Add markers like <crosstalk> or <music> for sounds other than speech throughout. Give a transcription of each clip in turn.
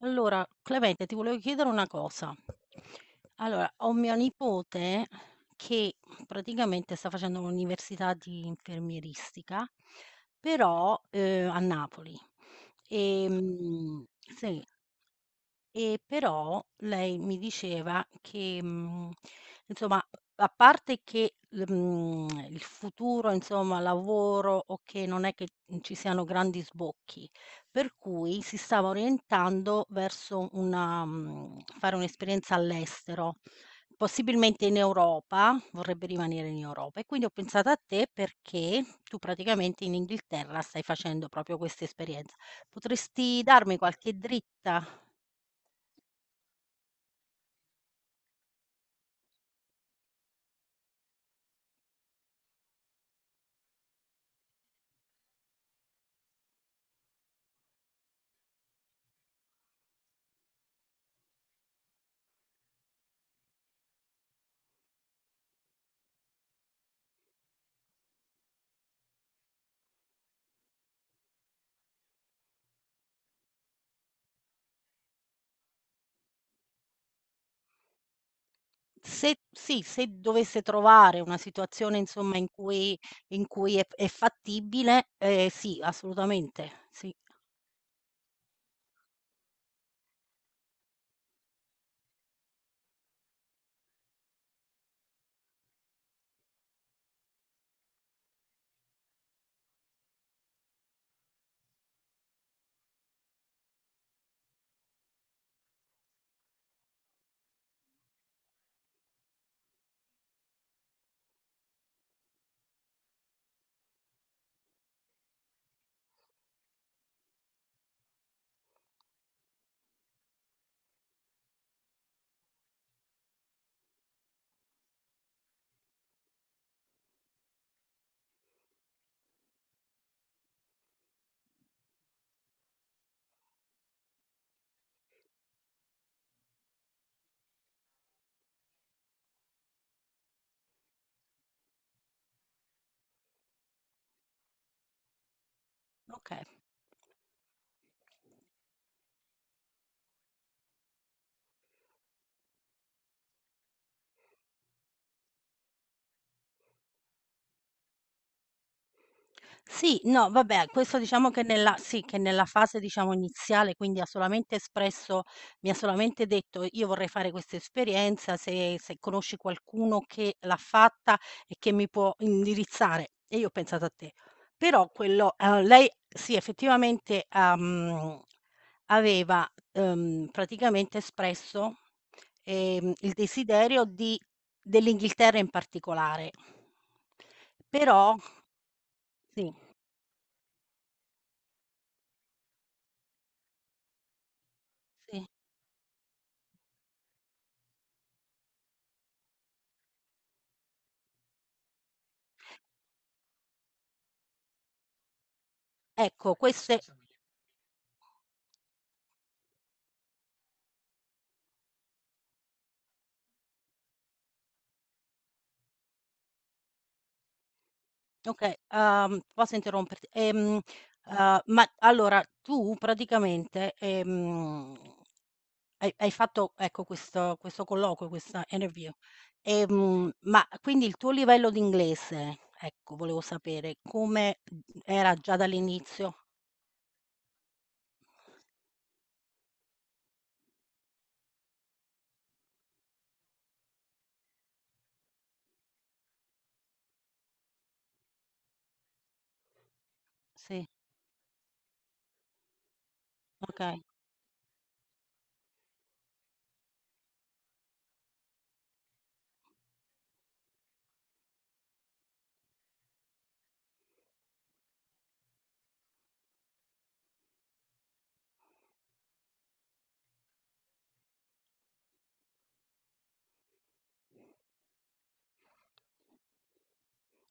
Allora, Clemente, ti volevo chiedere una cosa. Allora, ho mia nipote che praticamente sta facendo l'università di infermieristica, però a Napoli. E, sì, e però lei mi diceva che, insomma, a parte che il futuro, insomma, lavoro, okay, non è che, ci siano grandi sbocchi, per cui si stava orientando verso fare un'esperienza all'estero, possibilmente in Europa, vorrebbe rimanere in Europa. E quindi ho pensato a te perché tu praticamente in Inghilterra stai facendo proprio questa esperienza. Potresti darmi qualche dritta? Se sì, se dovesse trovare una situazione insomma in cui è fattibile, sì, assolutamente, sì. Okay. Sì, no, vabbè, questo diciamo che nella fase diciamo iniziale, quindi ha solamente espresso mi ha solamente detto: "Io vorrei fare questa esperienza, se conosci qualcuno che l'ha fatta e che mi può indirizzare". E io ho pensato a te. Però quello lei sì, effettivamente, ha aveva, praticamente espresso, il desiderio di dell'Inghilterra in particolare. Però sì. Sì, ecco queste okay, posso interromperti, ma allora tu praticamente, hai fatto ecco questo colloquio, questa interview, ma quindi il tuo livello di inglese, ecco volevo sapere come era già dall'inizio? Sì, okay.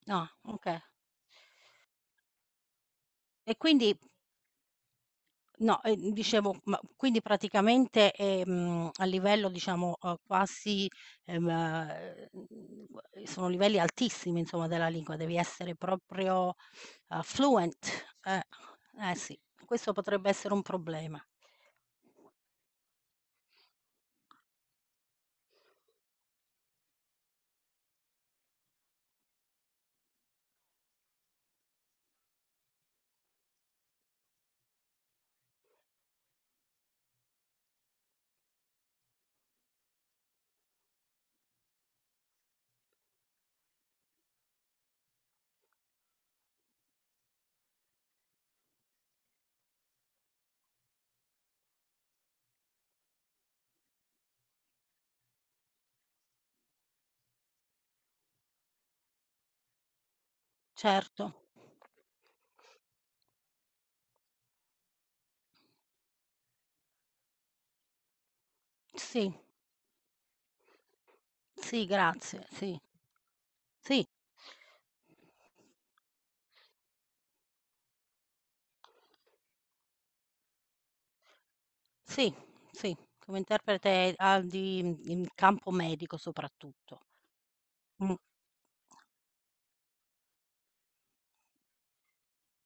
Ah, okay. E quindi no, dicevo, ma quindi praticamente, a livello diciamo, quasi, sono livelli altissimi insomma della lingua, devi essere proprio, fluent. Eh, eh sì, questo potrebbe essere un problema. Certo. Sì, sì, grazie, sì. Sì. Sì, sì, come interprete, ah, in campo medico soprattutto. Mh.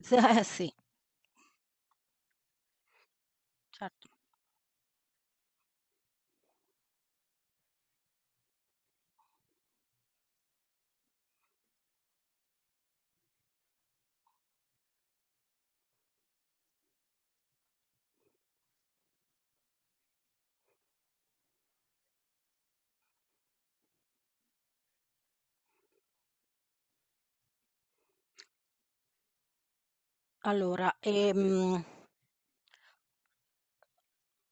<laughs> S eh sì, certo. Allora,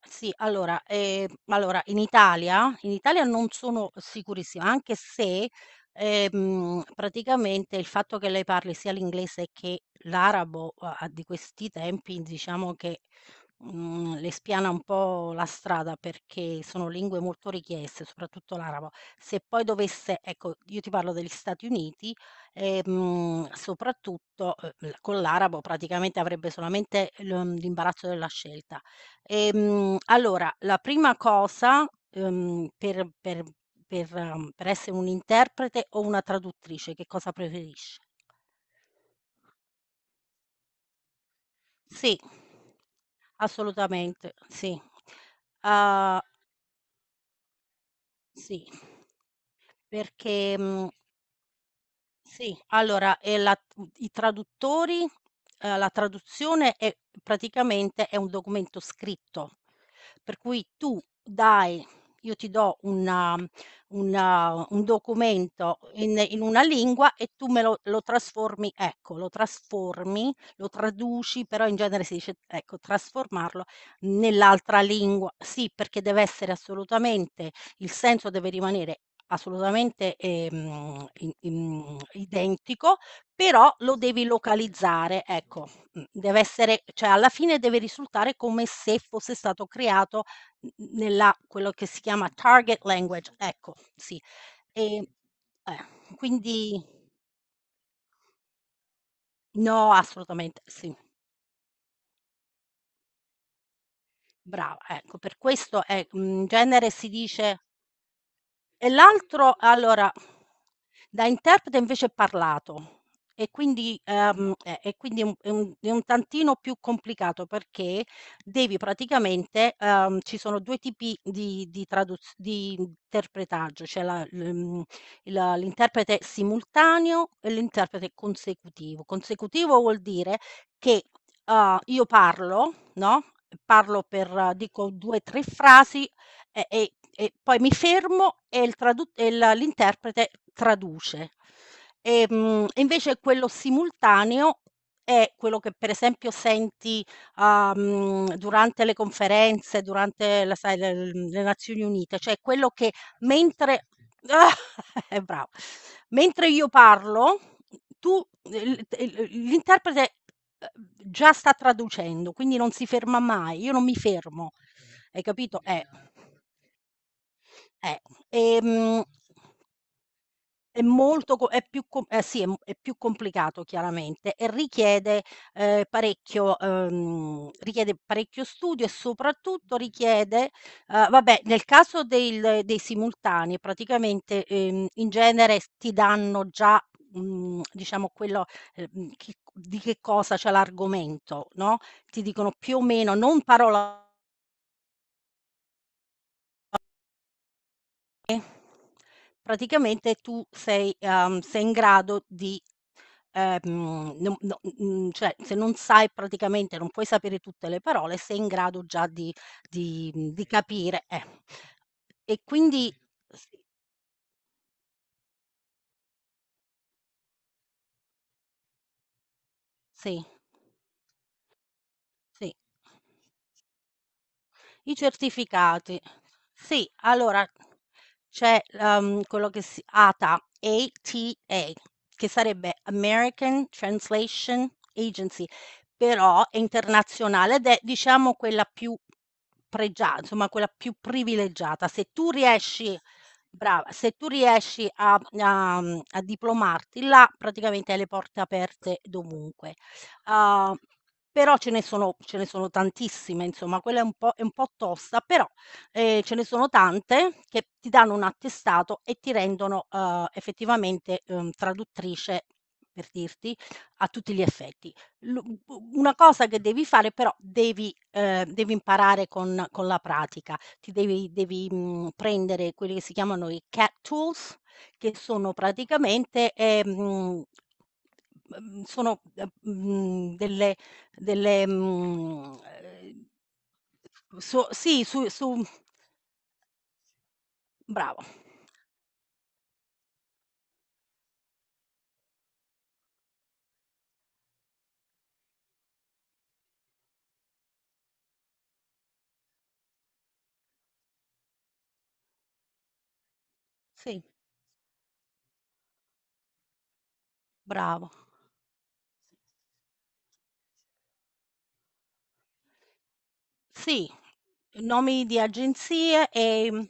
sì, allora, allora in Italia non sono sicurissima, anche se, praticamente il fatto che lei parli sia l'inglese che l'arabo a di questi tempi diciamo che, le spiana un po' la strada perché sono lingue molto richieste, soprattutto l'arabo. Se poi dovesse ecco, io ti parlo degli Stati Uniti, soprattutto, l con l'arabo praticamente avrebbe solamente l'imbarazzo della scelta. Allora, la prima cosa, per per essere un interprete o una traduttrice, che cosa preferisci? Sì, assolutamente, sì. Uhm, sì, perché, mhmm sì, allora, i traduttori la traduzione è un documento scritto. Per cui tu dai io ti do una un documento in una lingua e tu me lo trasformi ecco, lo trasformi, lo traduci, però in genere si dice, ecco, trasformarlo nell'altra lingua. Sì, perché deve essere assolutamente il senso deve rimanere assolutamente, i im identico, però lo devi localizzare, ecco. Deve essere cioè alla fine deve risultare come se fosse stato creato n nella quello che si chiama target language, ecco, sì. Ehm, eh, quindi no, assolutamente sì, brava, ecco, per questo, in genere si dice. E l'altro allora, da interprete invece è parlato e quindi e quindi è un tantino più complicato perché devi praticamente ci sono 2 tipi di interpretaggio, c'è la l'uhm, il l'interprete simultaneo e l'interprete consecutivo. Consecutivo vuol dire che, io parlo, no, parlo per dico 2, 3 frasi e poi mi fermo e il tradu e la l'interprete traduce. Ehm, invece quello simultaneo è quello che per esempio senti, durante le conferenze, durante la sai le l le Nazioni Unite, cioè quello che mentre <laughs> brava. Mentre io parlo, tu il l'interprete, uhm, già sta traducendo, quindi non si ferma mai, io non mi fermo. Hai capito? Eh, ehm, è molto co è più co eh sì, è più complicato chiaramente e richiede, parecchio richiede parecchio studio e soprattutto richiede vabbè, nel caso del dei simultanei praticamente, in genere s ti danno già, diciamo quello, chi di che cosa c'è l'argomento, no, ti dicono più o meno, non parola. Praticamente tu sei sei in grado di ehm, no cioè se non sai praticamente non puoi sapere tutte le parole, sei in grado già di di capire. E quindi sì, sì, sì. I certificati. Sì, allora c'è, quello che si ATA, ATA, che sarebbe American Translation Agency, però è internazionale ed è diciamo quella più pregia insomma quella più privilegiata. Se tu riesci brava, se tu riesci a diplomarti là, praticamente hai le porte aperte dovunque. Uhm, però ce ne sono tantissime, insomma, quella è un po' tosta, però, ce ne sono tante che ti danno un attestato e ti rendono, effettivamente, traduttrice, per dirti, a tutti gli effetti. Lu u una cosa che devi fare però devi imparare con la pratica. Ti devi, prendere quelli che si chiamano i CAT tools che sono praticamente, mhmm, sono, delle, mhmm, ehm, sì, su bravo. Sì, bravo. Sì, nomi di agenzie e,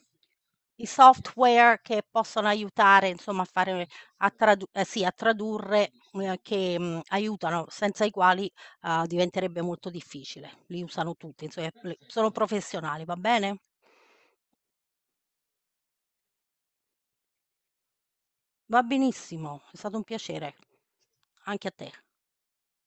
i software che possono aiutare insomma a fare a tradu sì, a tradurre, che, aiutano, senza i quali, diventerebbe molto difficile. Li usano tutti, inso e le sono professionali, va bene? Va benissimo, è stato un piacere. Anche a te.